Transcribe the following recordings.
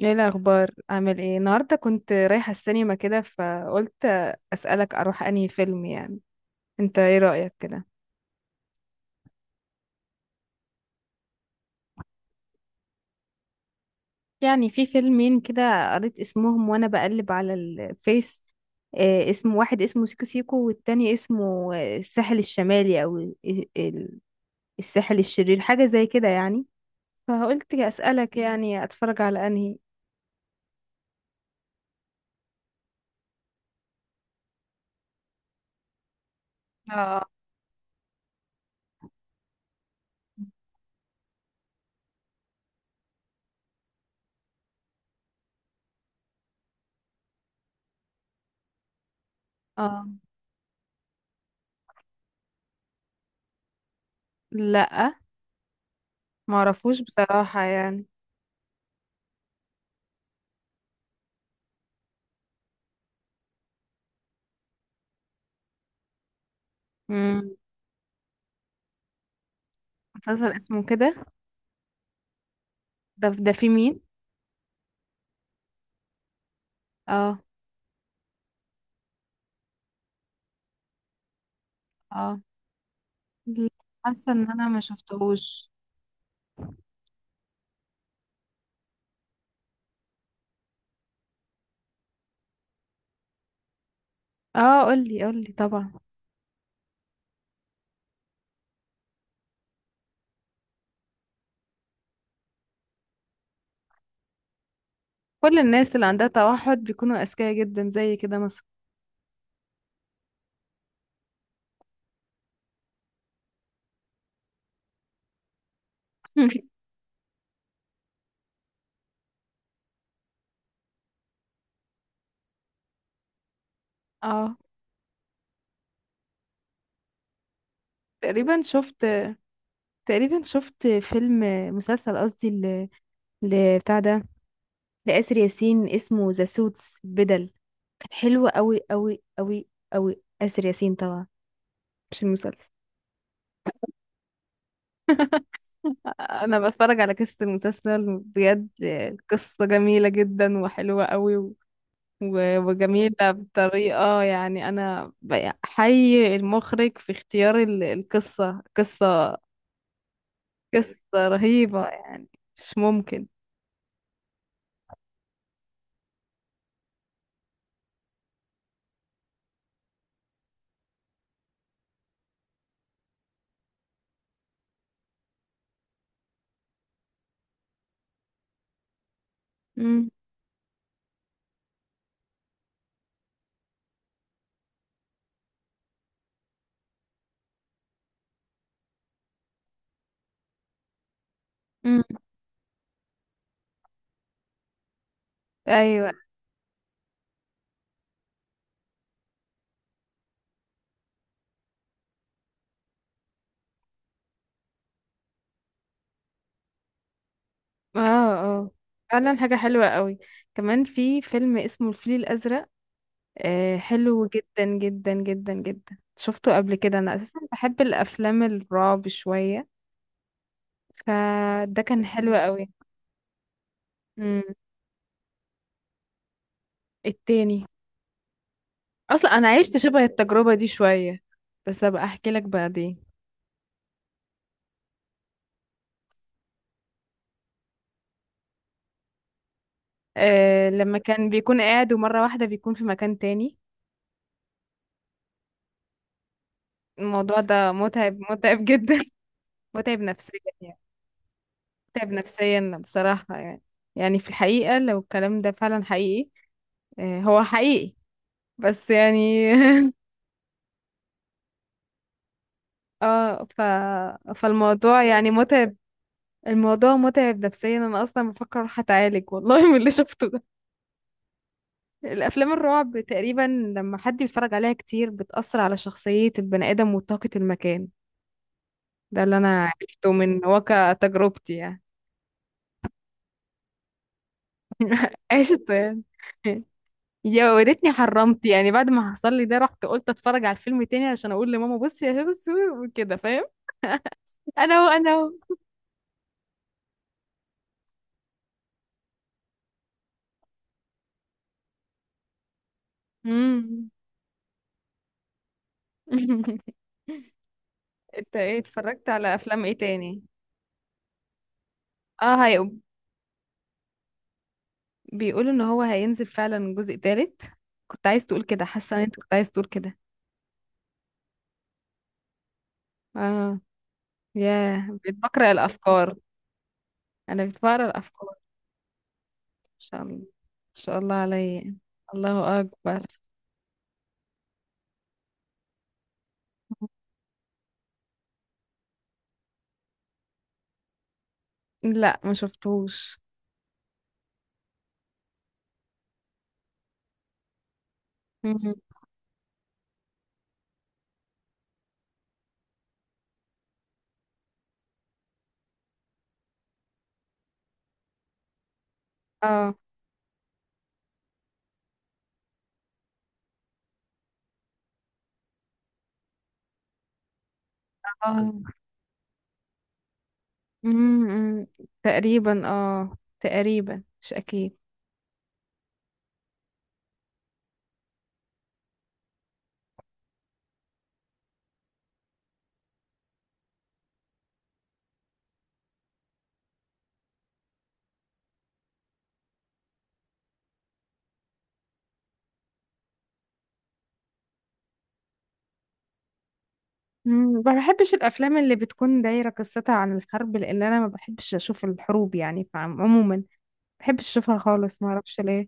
ايه الاخبار؟ عامل ايه النهارده؟ كنت رايحه السينما كده، فقلت اسالك اروح انهي فيلم يعني. انت ايه رايك كده؟ يعني في فيلمين كده قريت اسمهم وانا بقلب على الفيس. اسم واحد اسمه سيكو سيكو، والتاني اسمه الساحل الشمالي او ال- الساحل الشرير، حاجه زي كده يعني. فقلت اسالك يعني اتفرج على انهي. اه، اه، لا، معرفوش بصراحه يعني. امم. مسلسل اسمه كده؟ ده في مين؟ اه، اه، لا، حاسه ان انا ما شفتهوش. اه، قولي قولي طبعا. كل الناس اللي عندها توحد بيكونوا اذكياء جدا زي كده مثلا. اه، تقريبا شفت تقريبا شفت فيلم، مسلسل قصدي، بتاع ده، لآسر ياسين، اسمه ذا سوتس بدل. كانت حلوة قوي قوي قوي قوي، آسر ياسين طبعا، مش المسلسل. انا بتفرج على قصة المسلسل، بجد القصة جميلة جدا وحلوة قوي، وجميلة بطريقة، يعني أنا حي المخرج في اختيار القصة، قصة رهيبة يعني، مش ممكن. مم. مم. أيوة، اه، اه، فعلا حاجة حلوة قوي. كمان في فيلم اسمه الفيل الأزرق، حلو جدا جدا جدا جدا، شفته قبل كده، أنا أساسا بحب الأفلام الرعب شوية، فده كان حلو قوي. مم. التاني. اصلا انا عشت شبه التجربه دي شويه، بس ابقى احكي لك بعدين. أه، لما كان بيكون قاعد ومره واحده بيكون في مكان تاني. الموضوع ده متعب، متعب جدا. متعب نفسيا يعني، متعب نفسيا بصراحه، يعني في الحقيقه لو الكلام ده فعلا حقيقي. أه هو حقيقي، بس يعني. اه، فالموضوع يعني متعب. الموضوع متعب نفسيا، انا اصلا بفكر اروح اتعالج والله من اللي شفته. الافلام الرعب تقريبا، لما حد بيتفرج عليها كتير بتأثر على شخصية البني ادم وطاقة المكان، ده اللي انا عرفته من واقع تجربتي يعني. عشت يعني. يا وريتني حرمت، يعني بعد ما حصل لي ده رحت قلت اتفرج على الفيلم تاني عشان اقول لماما بصي يا بصي وكده فاهم. انا هو انا هو مم. انت ايه، اتفرجت على افلام ايه تاني؟ اه، بيقولوا ان هو هينزل فعلا جزء تالت. كنت عايز تقول كده، حاسه ان انت كنت عايز تقول كده، اه. ياه، بقيت بقرأ الأفكار، أنا بقيت بقرأ الأفكار، ما شاء الله، ما شاء الله عليا، الله أكبر. لا ما شفتوش. مم. اه، اه، مم، مم. تقريبا، تقريبا مش أكيد. مم. ما بحبش الأفلام اللي بتكون دايرة قصتها عن الحرب، لأن أنا ما بحبش أشوف الحروب يعني، فعموما ما بحبش أشوفها خالص، ما أعرفش ليه.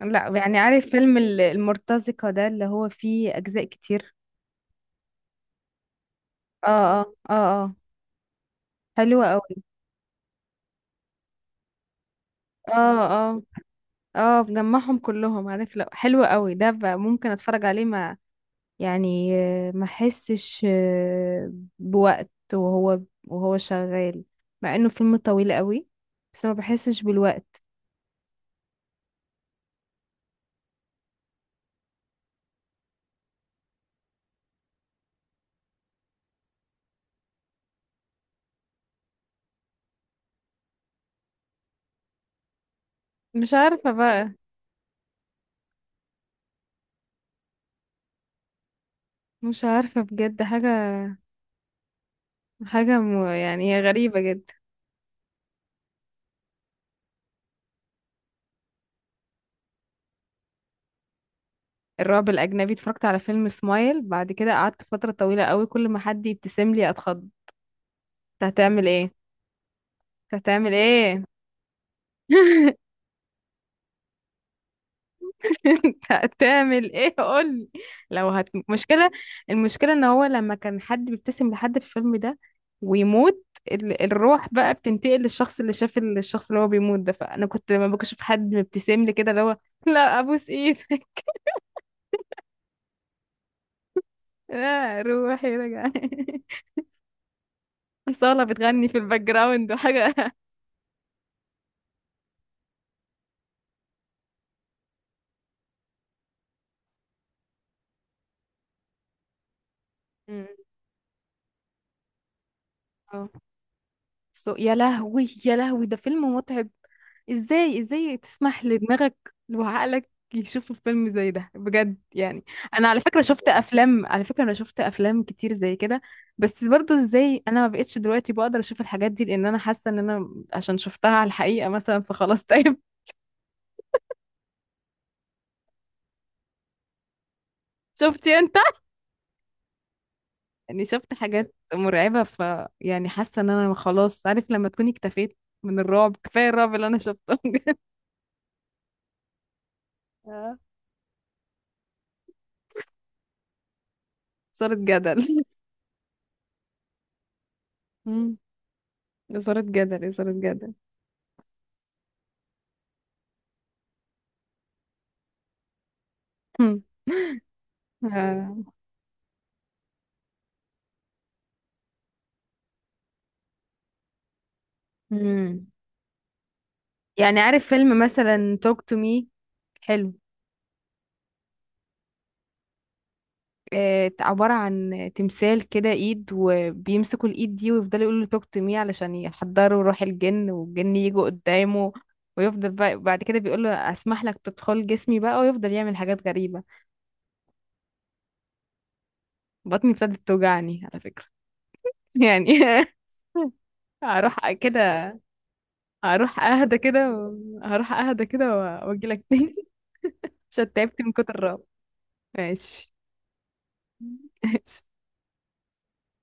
لا يعني عارف فيلم المرتزقة ده اللي هو فيه أجزاء كتير. اه، اه، اه، اه، حلوة أوي. اه، اه، اه، بجمعهم كلهم، عارف لو حلو قوي ده بقى ممكن اتفرج عليه ما يعني. ما احسش بوقت وهو شغال، مع انه فيلم طويل قوي، بس ما بحسش بالوقت. مش عارفة بقى، مش عارفة بجد حاجة يعني هي غريبة جدا. الرعب الأجنبي، اتفرجت على فيلم سمايل، بعد كده قعدت فترة طويلة قوي كل ما حد يبتسم لي اتخض. أنت هتعمل ايه؟ أنت هتعمل ايه؟ انت هتعمل ايه، قولي. لو مشكلة. المشكلة ان هو لما كان حد بيبتسم لحد في الفيلم ده ويموت، الروح بقى بتنتقل للشخص اللي شاف الشخص اللي هو بيموت ده. فانا كنت لما بشوف حد مبتسم لي كده اللي هو، لا ابوس ايدك. لا روحي رجع. صالة بتغني في الباك جراوند وحاجة. مم. اه. يا لهوي، يا لهوي ده فيلم متعب. ازاي، ازاي تسمح لدماغك وعقلك يشوفوا فيلم زي ده بجد يعني. انا على فكره شفت افلام، على فكره انا شفت افلام كتير زي كده، بس برضو ازاي انا ما بقتش دلوقتي بقدر اشوف الحاجات دي، لان انا حاسه ان انا عشان شفتها على الحقيقه مثلا، فخلاص طيب. شفتي انت، يعني شفت حاجات مرعبه، ف يعني حاسه ان انا خلاص، عارف لما تكوني اكتفيت من الرعب، كفايه الرعب اللي انا شفته بجد. آه. اثاره جدل. مم. اثاره جدل، اثاره جدل. مم. آه. مم. يعني عارف فيلم مثلا Talk to Me؟ حلو. عبارة عن تمثال كده ايد، وبيمسكوا الايد دي ويفضلوا يقولوا له talk to me علشان يحضروا روح الجن، والجن يجوا قدامه، ويفضل بقى بعد كده بيقول له اسمح لك تدخل جسمي بقى، ويفضل يعمل حاجات غريبة. بطني ابتدت توجعني على فكرة. يعني. هروح كده، هروح اهدى كده، واجي لك تاني عشان تعبت من كتر الرعب. ماشي.